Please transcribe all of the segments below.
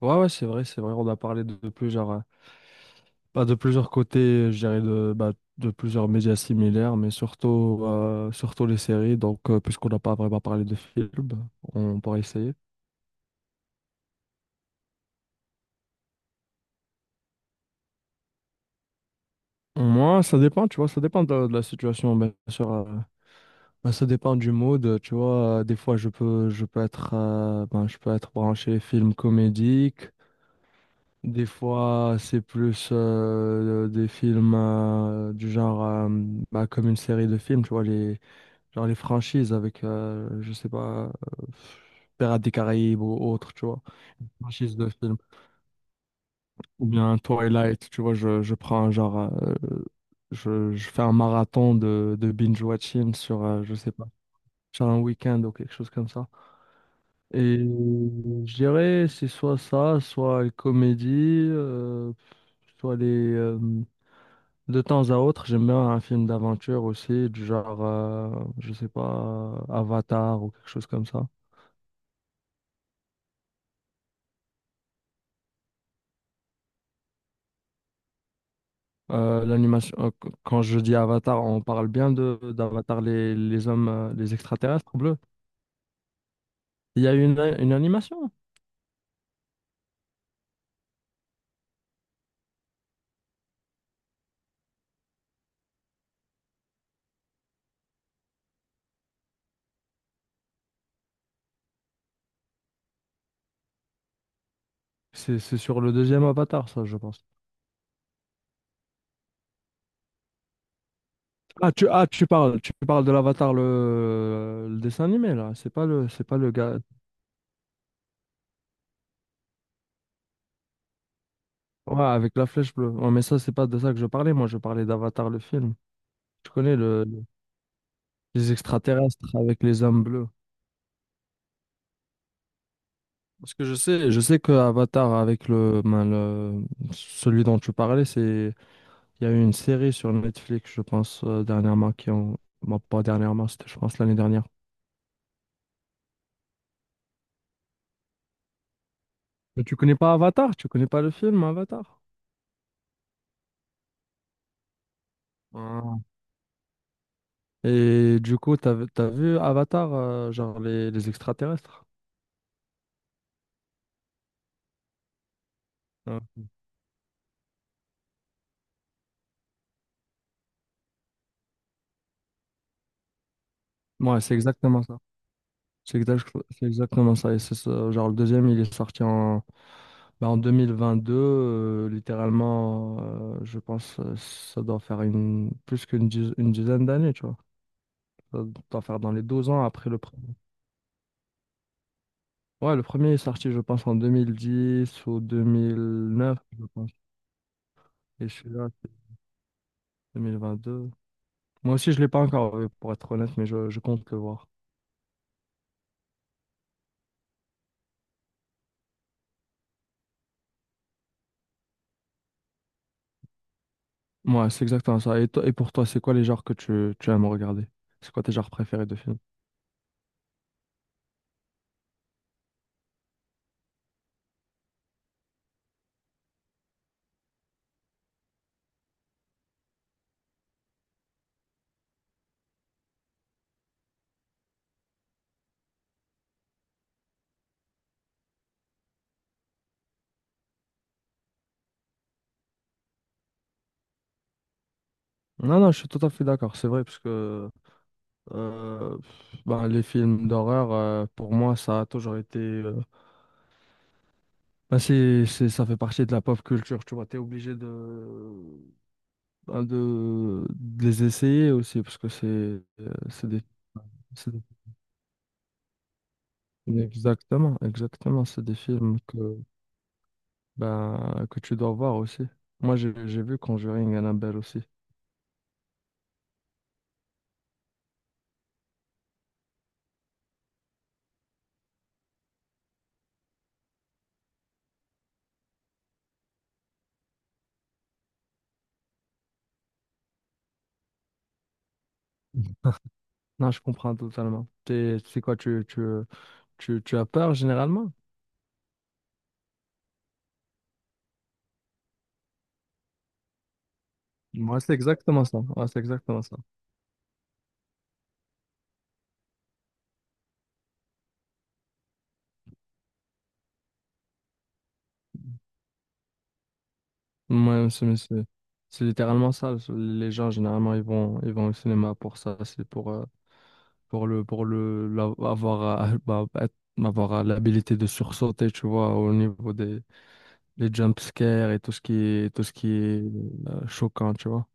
Ouais, ouais, c'est vrai, c'est vrai. On a parlé de, plusieurs, bah, de plusieurs côtés, je dirais, bah, de plusieurs médias similaires, mais surtout les séries. Donc, puisqu'on n'a pas vraiment parlé de films, on pourrait essayer. Moi, ça dépend, tu vois, ça dépend de la situation, bien sûr. Bah, ça dépend du mood, tu vois. Des fois, ben, je peux être branché film comédique. Des fois, c'est plus des films du genre, bah, comme une série de films, tu vois, les Genre les franchises avec, je sais pas, euh, Pirates des Caraïbes ou autre, tu vois. Franchise de film. Ou bien Twilight, tu vois, je prends genre, euh, je fais un marathon de binge-watching sur, je sais pas, sur un week-end ou quelque chose comme ça. Et je dirais, c'est soit ça, soit les comédies, soit les... euh, de temps à autre, j'aime bien un film d'aventure aussi, du genre, je sais pas, Avatar ou quelque chose comme ça. L'animation, quand je dis Avatar, on parle bien de d'Avatar, les hommes, les extraterrestres bleus. Il y a une animation. C'est sur le deuxième Avatar, ça, je pense. Ah, tu parles de l'Avatar, le dessin animé, là. C'est pas le gars. Ouais, avec la flèche bleue. Ouais, mais ça, c'est pas de ça que je parlais. Moi, je parlais d'Avatar, le film. Tu connais les extraterrestres avec les hommes bleus. Parce que je sais que Avatar avec ben, le celui dont tu parlais, c'est... Il y a eu une série sur Netflix, je pense, dernièrement, bon, pas dernièrement, c'était, je pense, l'année dernière. Mais tu connais pas Avatar? Tu connais pas le film Avatar? Ah. Et du coup, t'as vu Avatar, genre les extraterrestres? Ah. Ouais, c'est exactement ça. C'est exact- c'est exactement ça. Et c'est ça, genre le deuxième, il est sorti bah, en 2022, littéralement, je pense, ça doit faire une, plus qu'une diz- une dizaine d'années, tu vois. Ça doit faire dans les 12 ans après le premier. Ouais, le premier est sorti, je pense, en 2010 ou 2009, je pense. Et celui-là, c'est 2022. Moi aussi, je l'ai pas encore vu, pour être honnête, mais je compte le voir. Ouais, c'est exactement ça. Et pour toi, c'est quoi les genres que tu aimes regarder? C'est quoi tes genres préférés de films? Non, non, je suis tout à fait d'accord. C'est vrai, parce que ben, les films d'horreur, pour moi, ça a toujours été. Ben, ça fait partie de la pop culture, tu vois. T'es obligé de, ben, de les essayer aussi, parce que c'est des, c'est. Exactement, exactement, c'est des films ben, que tu dois voir aussi. Moi, j'ai vu Conjuring Annabelle aussi. Non, je comprends totalement. C'est quoi, tu as peur généralement? Moi, c'est exactement ça. Ouais, c'est exactement ça. Moi, c'est littéralement ça. Les gens, généralement, ils vont au cinéma pour ça. C'est pour, avoir bah, avoir l'habilité de sursauter, tu vois, au niveau des les jump scares et tout ce qui est choquant, tu vois.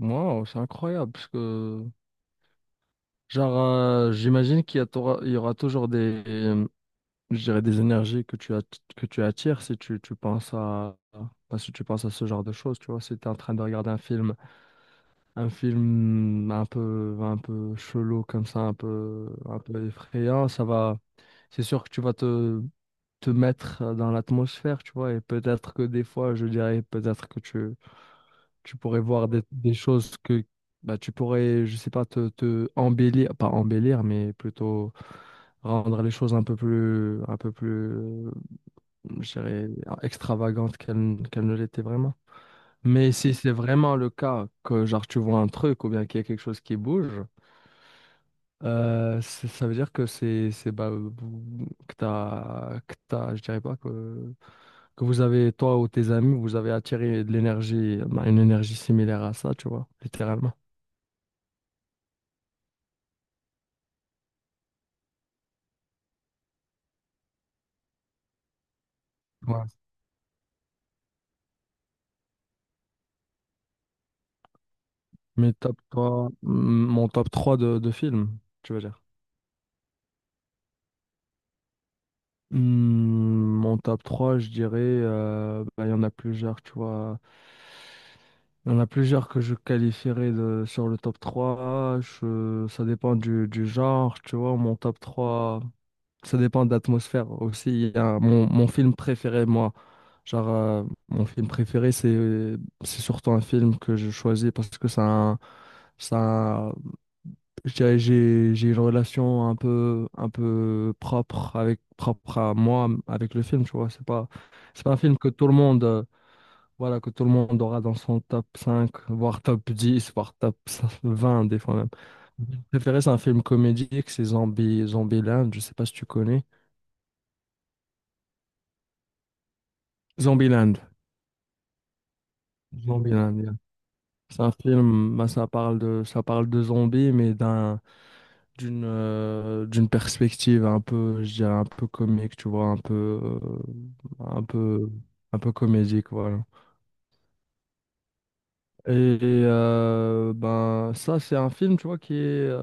Wow, c'est incroyable parce que genre j'imagine qu'il y a t'aura- il y aura toujours des je dirais des énergies que que tu attires si tu penses bah, si tu penses à ce genre de choses, tu vois, si tu es en train de regarder un film. Un film un peu chelou comme ça, un peu effrayant, ça va. C'est sûr que tu vas te mettre dans l'atmosphère, tu vois, et peut-être que des fois, je dirais, peut-être que tu pourrais voir des choses que bah, tu pourrais, je sais pas, te embellir, pas embellir, mais plutôt rendre les choses un peu plus, je dirais, extravagantes qu'elles ne l'étaient vraiment. Mais si c'est vraiment le cas que genre tu vois un truc ou bien qu'il y a quelque chose qui bouge, ça veut dire que c'est bah, que t'as, je dirais pas, que vous avez, toi ou tes amis, vous avez attiré de l'énergie, bah, une énergie similaire à ça, tu vois, littéralement. Ouais. Mais top 3 mon top 3 de films, tu veux dire. Hmm. Mon top 3, je dirais, bah, il y en a plusieurs, tu vois. Il y en a plusieurs que je qualifierais de, sur le top 3. Ça dépend du genre, tu vois. Mon top 3, ça dépend de l'atmosphère aussi. Il y a mon film préféré, moi. Genre, mon film préféré, c'est surtout un film que je choisis parce que ça a un, je dirais, j'ai une relation un peu propre avec, propre à moi, avec le film, tu vois. C'est pas un film que tout le monde, voilà, que tout le monde aura dans son top 5 voire top 10 voire top 20 des fois même. Mon préféré, c'est un film comédique, c'est Zombieland, je sais pas si tu connais. Zombieland. Zombieland, yeah. C'est un film, bah, ça parle de zombies, mais d'une perspective un peu, je dirais, un peu comique, tu vois, un peu, euh, un peu, un peu comédique, voilà. Et ben, ça, c'est un film, tu vois, qui est... euh,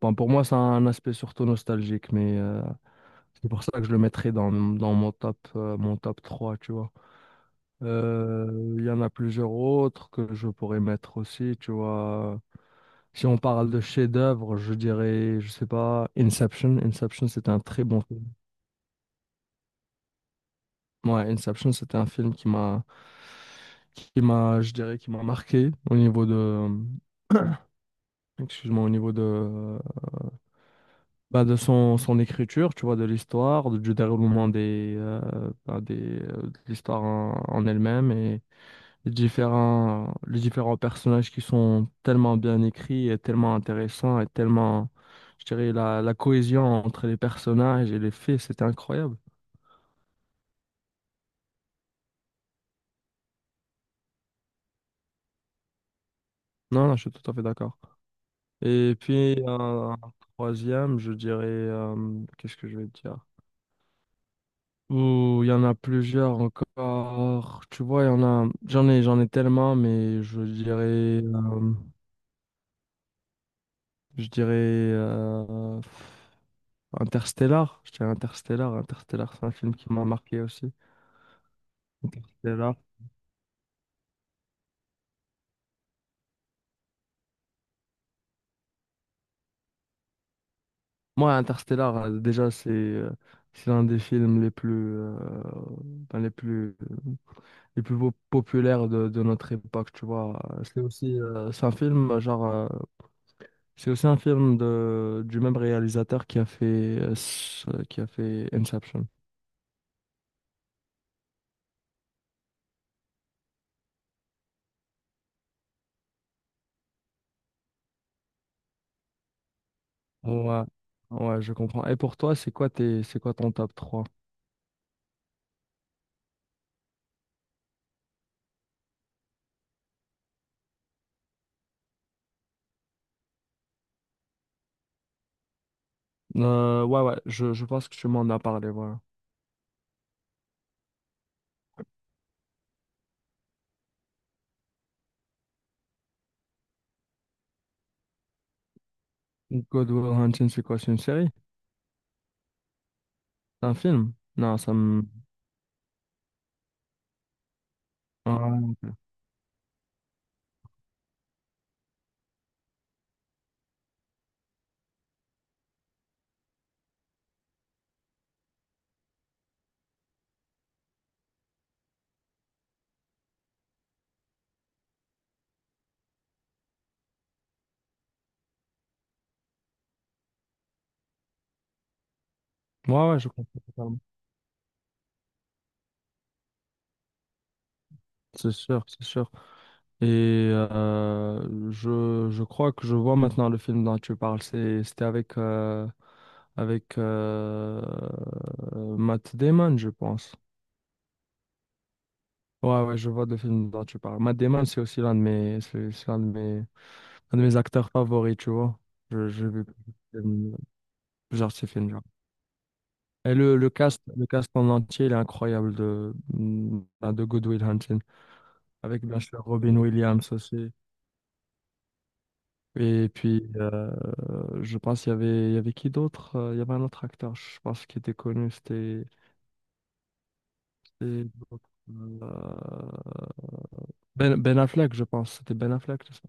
ben, pour moi, c'est un aspect surtout nostalgique, mais c'est pour ça que je le mettrais dans mon top trois, tu vois. Il y en a plusieurs autres que je pourrais mettre aussi, tu vois. Si on parle de chef-d'œuvre, je dirais, je sais pas, Inception. Inception, c'est un très bon... Ouais, Inception, c'était un film qui m'a, qui m'a marqué au niveau de, excuse-moi, au niveau de, bah, de son écriture, tu vois, de l'histoire, du déroulement de l'histoire en elle-même et les différents personnages qui sont tellement bien écrits et tellement intéressants et tellement, je dirais, la cohésion entre les personnages et les faits, c'était incroyable. Non, non, je suis tout à fait d'accord. Et puis un troisième, je dirais, qu'est-ce que je vais te dire? Ouh, il y en a plusieurs encore. Tu vois, il y en a, j'en ai tellement, mais je dirais euh, Interstellar. Je dirais Interstellar. Interstellar, c'est un film qui m'a marqué aussi. Interstellar. Moi, Interstellar, déjà, c'est l'un des films les plus, euh, ben, les plus po- populaires de notre époque, tu vois. C'est aussi, c'est un film, genre, c'est aussi un film du même réalisateur qui a fait, s- qui a fait Inception. Ouais, ouais, je comprends. Et pour toi, c'est quoi ton top trois? Ouais, ouais, je pense que tu m'en as parlé, voilà. Good Will Hunting, c'est quoi? C'est une série? C'est un film? Non, ça me... Ouais, ouais, ouais, je comprends totalement. C'est sûr, c'est sûr. Et je crois que je vois maintenant le film dont tu parles. C'était avec, avec euh, Matt Damon, je pense. Ouais, ouais, je vois le film dont tu parles. Matt Damon, c'est aussi l'un de mes, c'est l'un de mes, un de mes acteurs favoris, tu vois. J'ai vu plusieurs de ses films, genre. Et le cast en entier, il est incroyable de Good Will Hunting. Avec bien sûr Robin Williams aussi. Et puis, je pense qu'il y avait qui d'autre? Il y avait un autre acteur, je pense, qui était connu. C'était l'autre, ben, Ben Affleck, je pense. C'était Ben Affleck, c'est ça?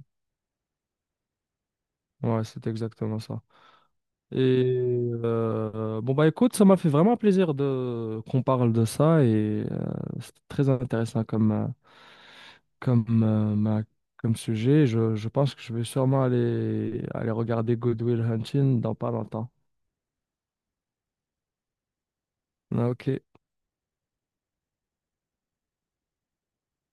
Ouais, c'est exactement ça. Et bon, bah écoute, ça m'a fait vraiment plaisir de qu'on parle de ça. Et c'était très intéressant comme, euh, ma- comme sujet. Je pense que je vais sûrement aller regarder Good Will Hunting dans pas longtemps. Ah, Ok.